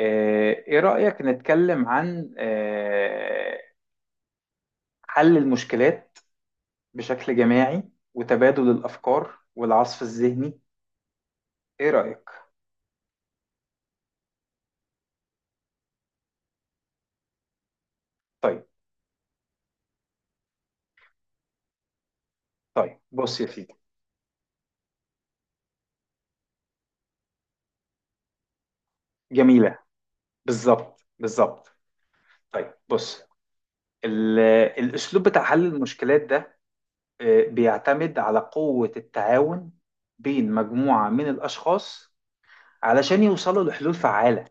إيه رأيك نتكلم عن حل المشكلات بشكل جماعي وتبادل الأفكار والعصف الذهني. إيه رأيك؟ طيب طيب بص يا سيدي. جميلة. بالظبط، بالظبط. طيب بص، ال- الأسلوب بتاع حل المشكلات ده بيعتمد على قوة التعاون بين مجموعة من الأشخاص علشان يوصلوا لحلول فعالة.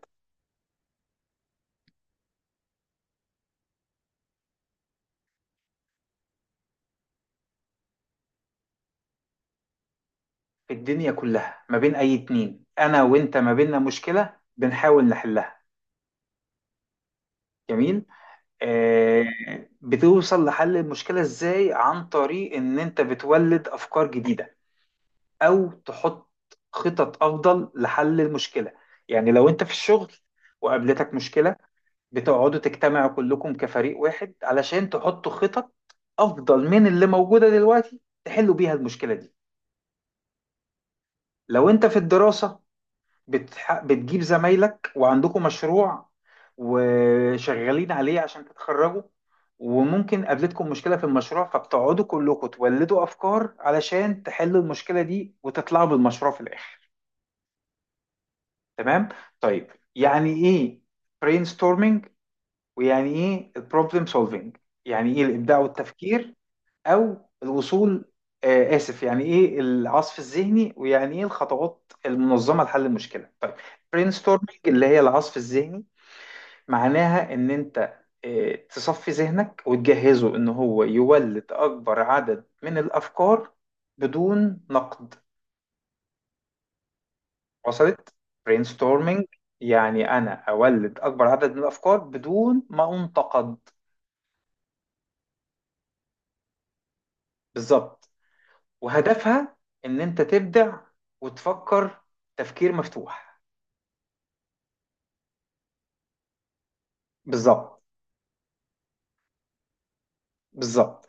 في الدنيا كلها ما بين أي اتنين، أنا وأنت، ما بيننا مشكلة بنحاول نحلها. جميل. آه بتوصل لحل المشكلة ازاي؟ عن طريق ان انت بتولد افكار جديدة او تحط خطط افضل لحل المشكلة. يعني لو انت في الشغل وقابلتك مشكلة، بتقعدوا تجتمعوا كلكم كفريق واحد علشان تحطوا خطط افضل من اللي موجودة دلوقتي تحلوا بيها المشكلة دي. لو انت في الدراسة، بتجيب زمايلك وعندكم مشروع وشغالين عليه عشان تتخرجوا، وممكن قابلتكم مشكلة في المشروع فبتقعدوا كلكم تولدوا أفكار علشان تحلوا المشكلة دي وتطلعوا بالمشروع في الآخر. تمام؟ طيب يعني إيه brainstorming ويعني إيه problem solving؟ يعني إيه الإبداع والتفكير او الوصول، اسف، يعني ايه العصف الذهني ويعني ايه الخطوات المنظمه لحل المشكله. طيب، برين ستورمنج اللي هي العصف الذهني معناها ان انت تصفي ذهنك وتجهزه ان هو يولد اكبر عدد من الافكار بدون نقد. وصلت؟ برين ستورمنج يعني انا اولد اكبر عدد من الافكار بدون ما انتقد. بالظبط. وهدفها ان انت تبدع وتفكر تفكير مفتوح. بالظبط، بالظبط،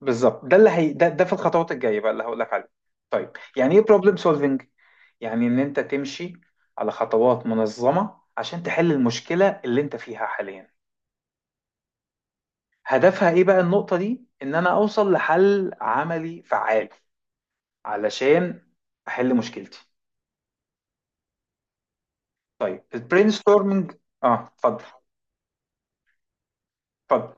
بالظبط. ده اللي هي ده في الخطوات الجايه بقى اللي هقول لك عليه. طيب يعني ايه بروبلم سولفنج؟ يعني ان انت تمشي على خطوات منظمه عشان تحل المشكله اللي انت فيها حاليا. هدفها ايه بقى النقطه دي؟ ان انا اوصل لحل عملي فعال علشان احل مشكلتي. طيب البرين ستورمنج. اه، اتفضل، اتفضل.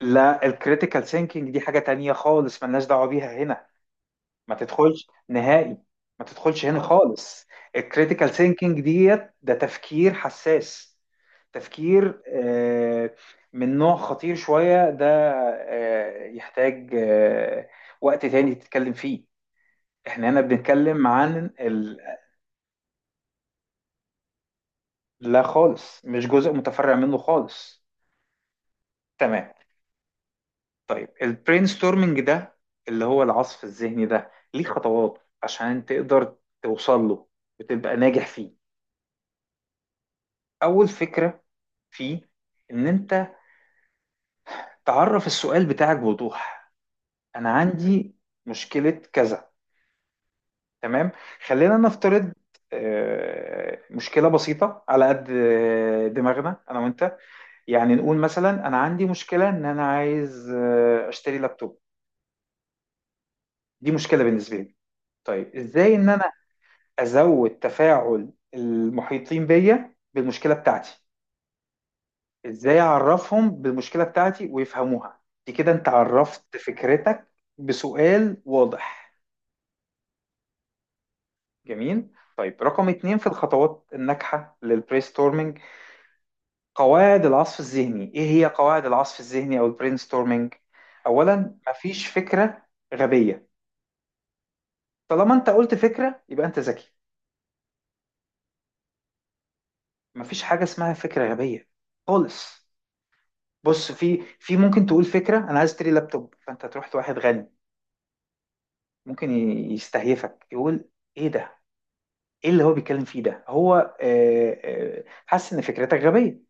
لا، الكريتيكال ثينكينج دي حاجه تانية خالص، ملناش دعوه بيها هنا. ما تدخلش نهائي، ما تدخلش هنا خالص. الكريتيكال ثينكينج ده تفكير حساس. تفكير من نوع خطير شوية ده، يحتاج وقت تاني تتكلم فيه. احنا هنا بنتكلم عن لا خالص، مش جزء متفرع منه خالص. تمام. طيب البرين ستورمنج ده اللي هو العصف الذهني ده، ليه خطوات عشان تقدر توصل له وتبقى ناجح فيه. أول فكرة فيه ان انت تعرف السؤال بتاعك بوضوح. انا عندي مشكلة كذا. تمام، خلينا نفترض مشكلة بسيطة على قد دماغنا انا وانت. يعني نقول مثلا انا عندي مشكلة ان انا عايز اشتري لابتوب. دي مشكلة بالنسبة لي. طيب ازاي ان انا ازود تفاعل المحيطين بيا بالمشكلة بتاعتي، ازاي اعرفهم بالمشكله بتاعتي ويفهموها؟ دي كده انت عرفت فكرتك بسؤال واضح. جميل. طيب، رقم اتنين في الخطوات الناجحه للبرينستورمينج: قواعد العصف الذهني. ايه هي قواعد العصف الذهني او البرينستورمينج؟ اولا، مفيش فكره غبيه. طالما انت قلت فكره يبقى انت ذكي. مفيش حاجه اسمها فكره غبيه خالص. بص، في ممكن تقول فكره انا عايز اشتري لابتوب فانت تروح لواحد غني، ممكن يستهيفك يقول ايه ده، ايه اللي هو بيتكلم فيه ده، هو حاسس ان فكرتك غبية.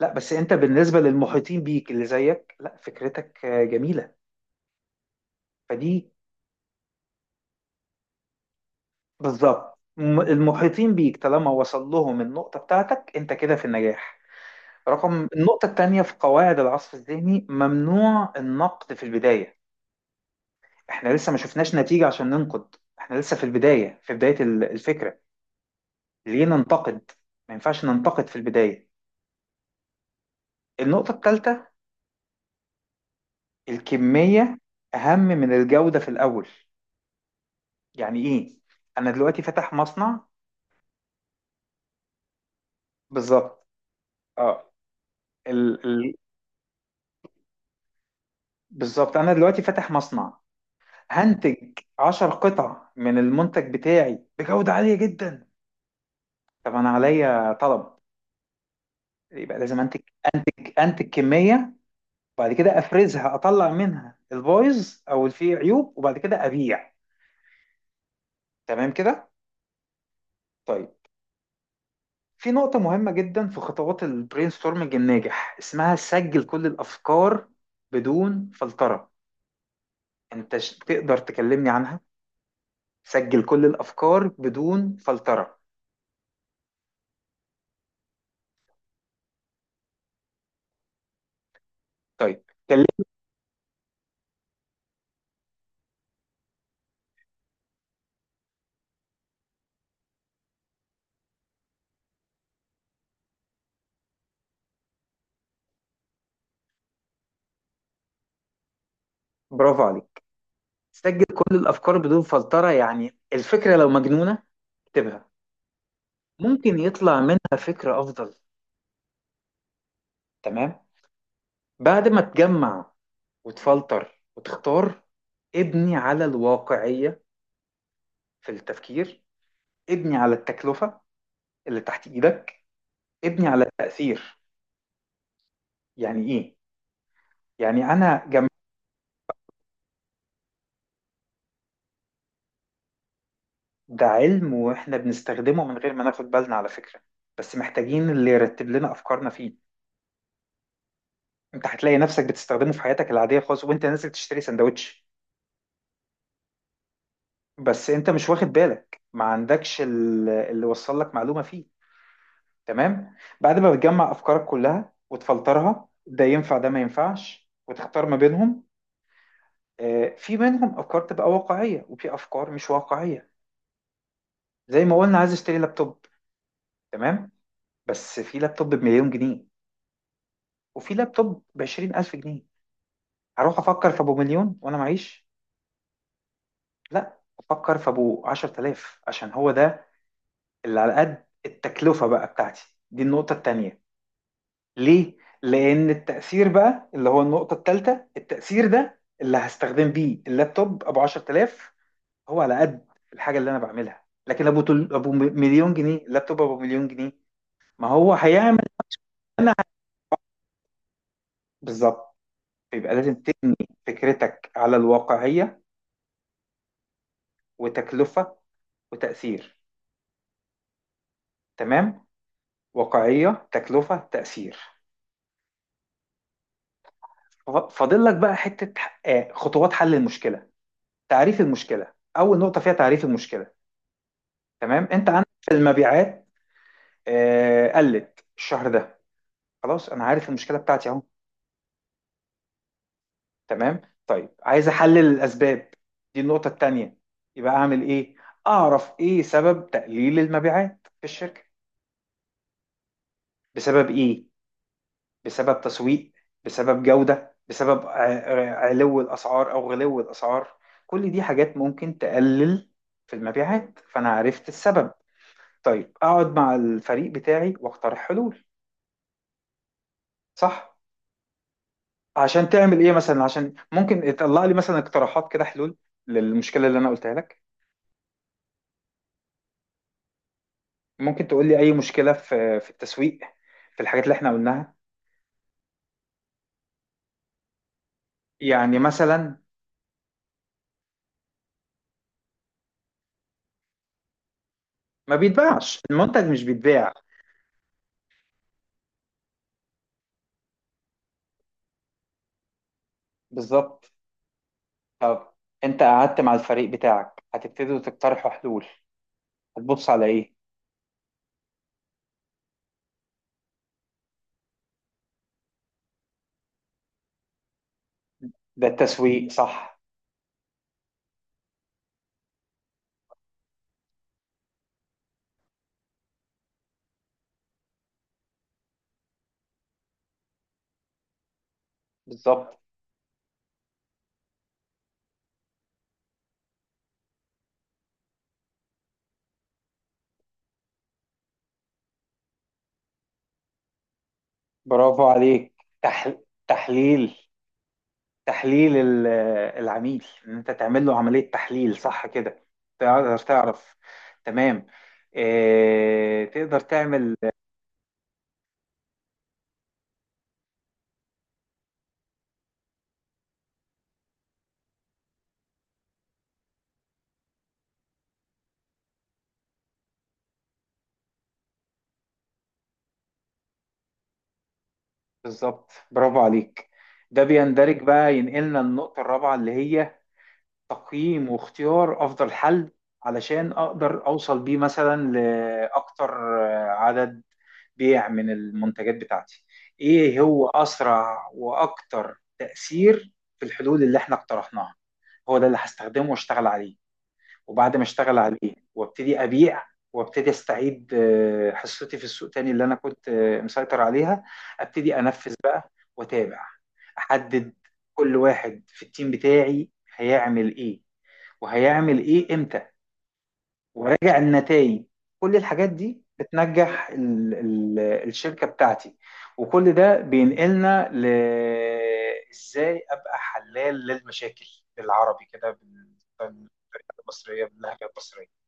لا، بس انت بالنسبة للمحيطين بيك اللي زيك لا، فكرتك جميلة. فدي بالظبط. المحيطين بيك طالما وصل لهم النقطة بتاعتك انت كده في النجاح. رقم النقطة التانية في قواعد العصف الذهني: ممنوع النقد في البداية. احنا لسه ما شفناش نتيجة عشان ننقد، احنا لسه في البداية، في بداية الفكرة. ليه ننتقد؟ ما ينفعش ننتقد في البداية. النقطة الثالثة: الكمية أهم من الجودة في الأول. يعني إيه؟ أنا دلوقتي فاتح مصنع. بالظبط. أه ال... ال... بالظبط، أنا دلوقتي فاتح مصنع. هنتج 10 قطع من المنتج بتاعي بجودة عالية جدا. طب أنا عليا طلب، يبقى لازم أنتج كمية وبعد كده أفرزها، أطلع منها البايظ أو اللي فيه عيوب، وبعد كده أبيع. تمام كده؟ طيب. في نقطة مهمة جدا في خطوات البرين ستورمنج الناجح اسمها: سجل كل الأفكار بدون فلترة. يعني أنت تقدر تكلمني عنها؟ سجل كل الأفكار بدون فلترة. طيب كلمني. برافو عليك. سجل كل الأفكار بدون فلترة، يعني الفكرة لو مجنونة اكتبها. ممكن يطلع منها فكرة أفضل. تمام. بعد ما تجمع وتفلتر وتختار، ابني على الواقعية في التفكير، ابني على التكلفة اللي تحت إيدك، ابني على التأثير. يعني إيه؟ يعني أنا ده علم وإحنا بنستخدمه من غير ما ناخد بالنا، على فكرة، بس محتاجين اللي يرتب لنا أفكارنا فيه. أنت هتلاقي نفسك بتستخدمه في حياتك العادية خالص، وأنت نازل تشتري سندوتش، بس أنت مش واخد بالك، ما عندكش اللي وصل لك معلومة فيه. تمام؟ بعد ما بتجمع أفكارك كلها وتفلترها، ده ينفع ده ما ينفعش، وتختار ما بينهم. في منهم أفكار تبقى واقعية وفي أفكار مش واقعية. زي ما قلنا عايز اشتري لابتوب. تمام. بس في لابتوب بمليون جنيه وفي لابتوب بـ20 ألف جنيه. هروح أفكر في أبو مليون وأنا معيش؟ لا، أفكر في أبو 10 آلاف عشان هو ده اللي على قد التكلفة بقى بتاعتي. دي النقطة التانية. ليه؟ لأن التأثير بقى اللي هو النقطة التالتة. التأثير ده اللي هستخدم بيه اللابتوب أبو 10 آلاف هو على قد الحاجة اللي أنا بعملها، لكن أبو مليون جنيه، لابتوب أبو مليون جنيه ما هو هيعمل. أنا بالظبط. يبقى لازم تبني فكرتك على الواقعية وتكلفة وتأثير. تمام. واقعية، تكلفة، تأثير. فاضل لك بقى حتة، خطوات حل المشكلة. تعريف المشكلة أول نقطة فيها: تعريف المشكلة. تمام. أنت عندك المبيعات قلت الشهر ده، خلاص أنا عارف المشكلة بتاعتي أهو. تمام. طيب عايز أحلل الأسباب، دي النقطة التانية، يبقى أعمل إيه؟ أعرف إيه سبب تقليل المبيعات في الشركة. بسبب إيه؟ بسبب تسويق، بسبب جودة، بسبب علو الأسعار أو غلو الأسعار. كل دي حاجات ممكن تقلل في المبيعات، فأنا عرفت السبب. طيب، أقعد مع الفريق بتاعي وأقترح حلول. صح. عشان تعمل إيه مثلا؟ عشان ممكن يطلع لي مثلا اقتراحات كده، حلول للمشكلة اللي أنا قلتها لك. ممكن تقول لي أي مشكلة في التسويق، في الحاجات اللي إحنا قلناها. يعني مثلا ما بيتباعش المنتج، مش بيتباع. بالظبط. طب انت قعدت مع الفريق بتاعك هتبتدوا تقترحوا حلول، هتبص على ايه؟ ده التسويق، صح. بالظبط. برافو عليك. تح... تحليل، تحليل العميل، ان انت تعمل له عملية تحليل صح كده تقدر تعرف. تمام. اه... تقدر تعمل. بالظبط. برافو عليك. ده بيندرج بقى، ينقلنا النقطة الرابعة اللي هي تقييم واختيار افضل حل، علشان اقدر اوصل بيه مثلا لاكتر عدد بيع من المنتجات بتاعتي. ايه هو اسرع واكتر تأثير في الحلول اللي احنا اقترحناها؟ هو ده اللي هستخدمه واشتغل عليه. وبعد ما اشتغل عليه وابتدي ابيع وابتدي استعيد حصتي في السوق تاني اللي انا كنت مسيطر عليها. ابتدي انفذ بقى، واتابع، احدد كل واحد في التيم بتاعي هيعمل ايه وهيعمل ايه امتى، وراجع النتائج. كل الحاجات دي بتنجح ال ال الشركة بتاعتي. وكل ده بينقلنا ل ازاي ابقى حلال للمشاكل بالعربي كده، بالمصرية، باللهجة المصرية.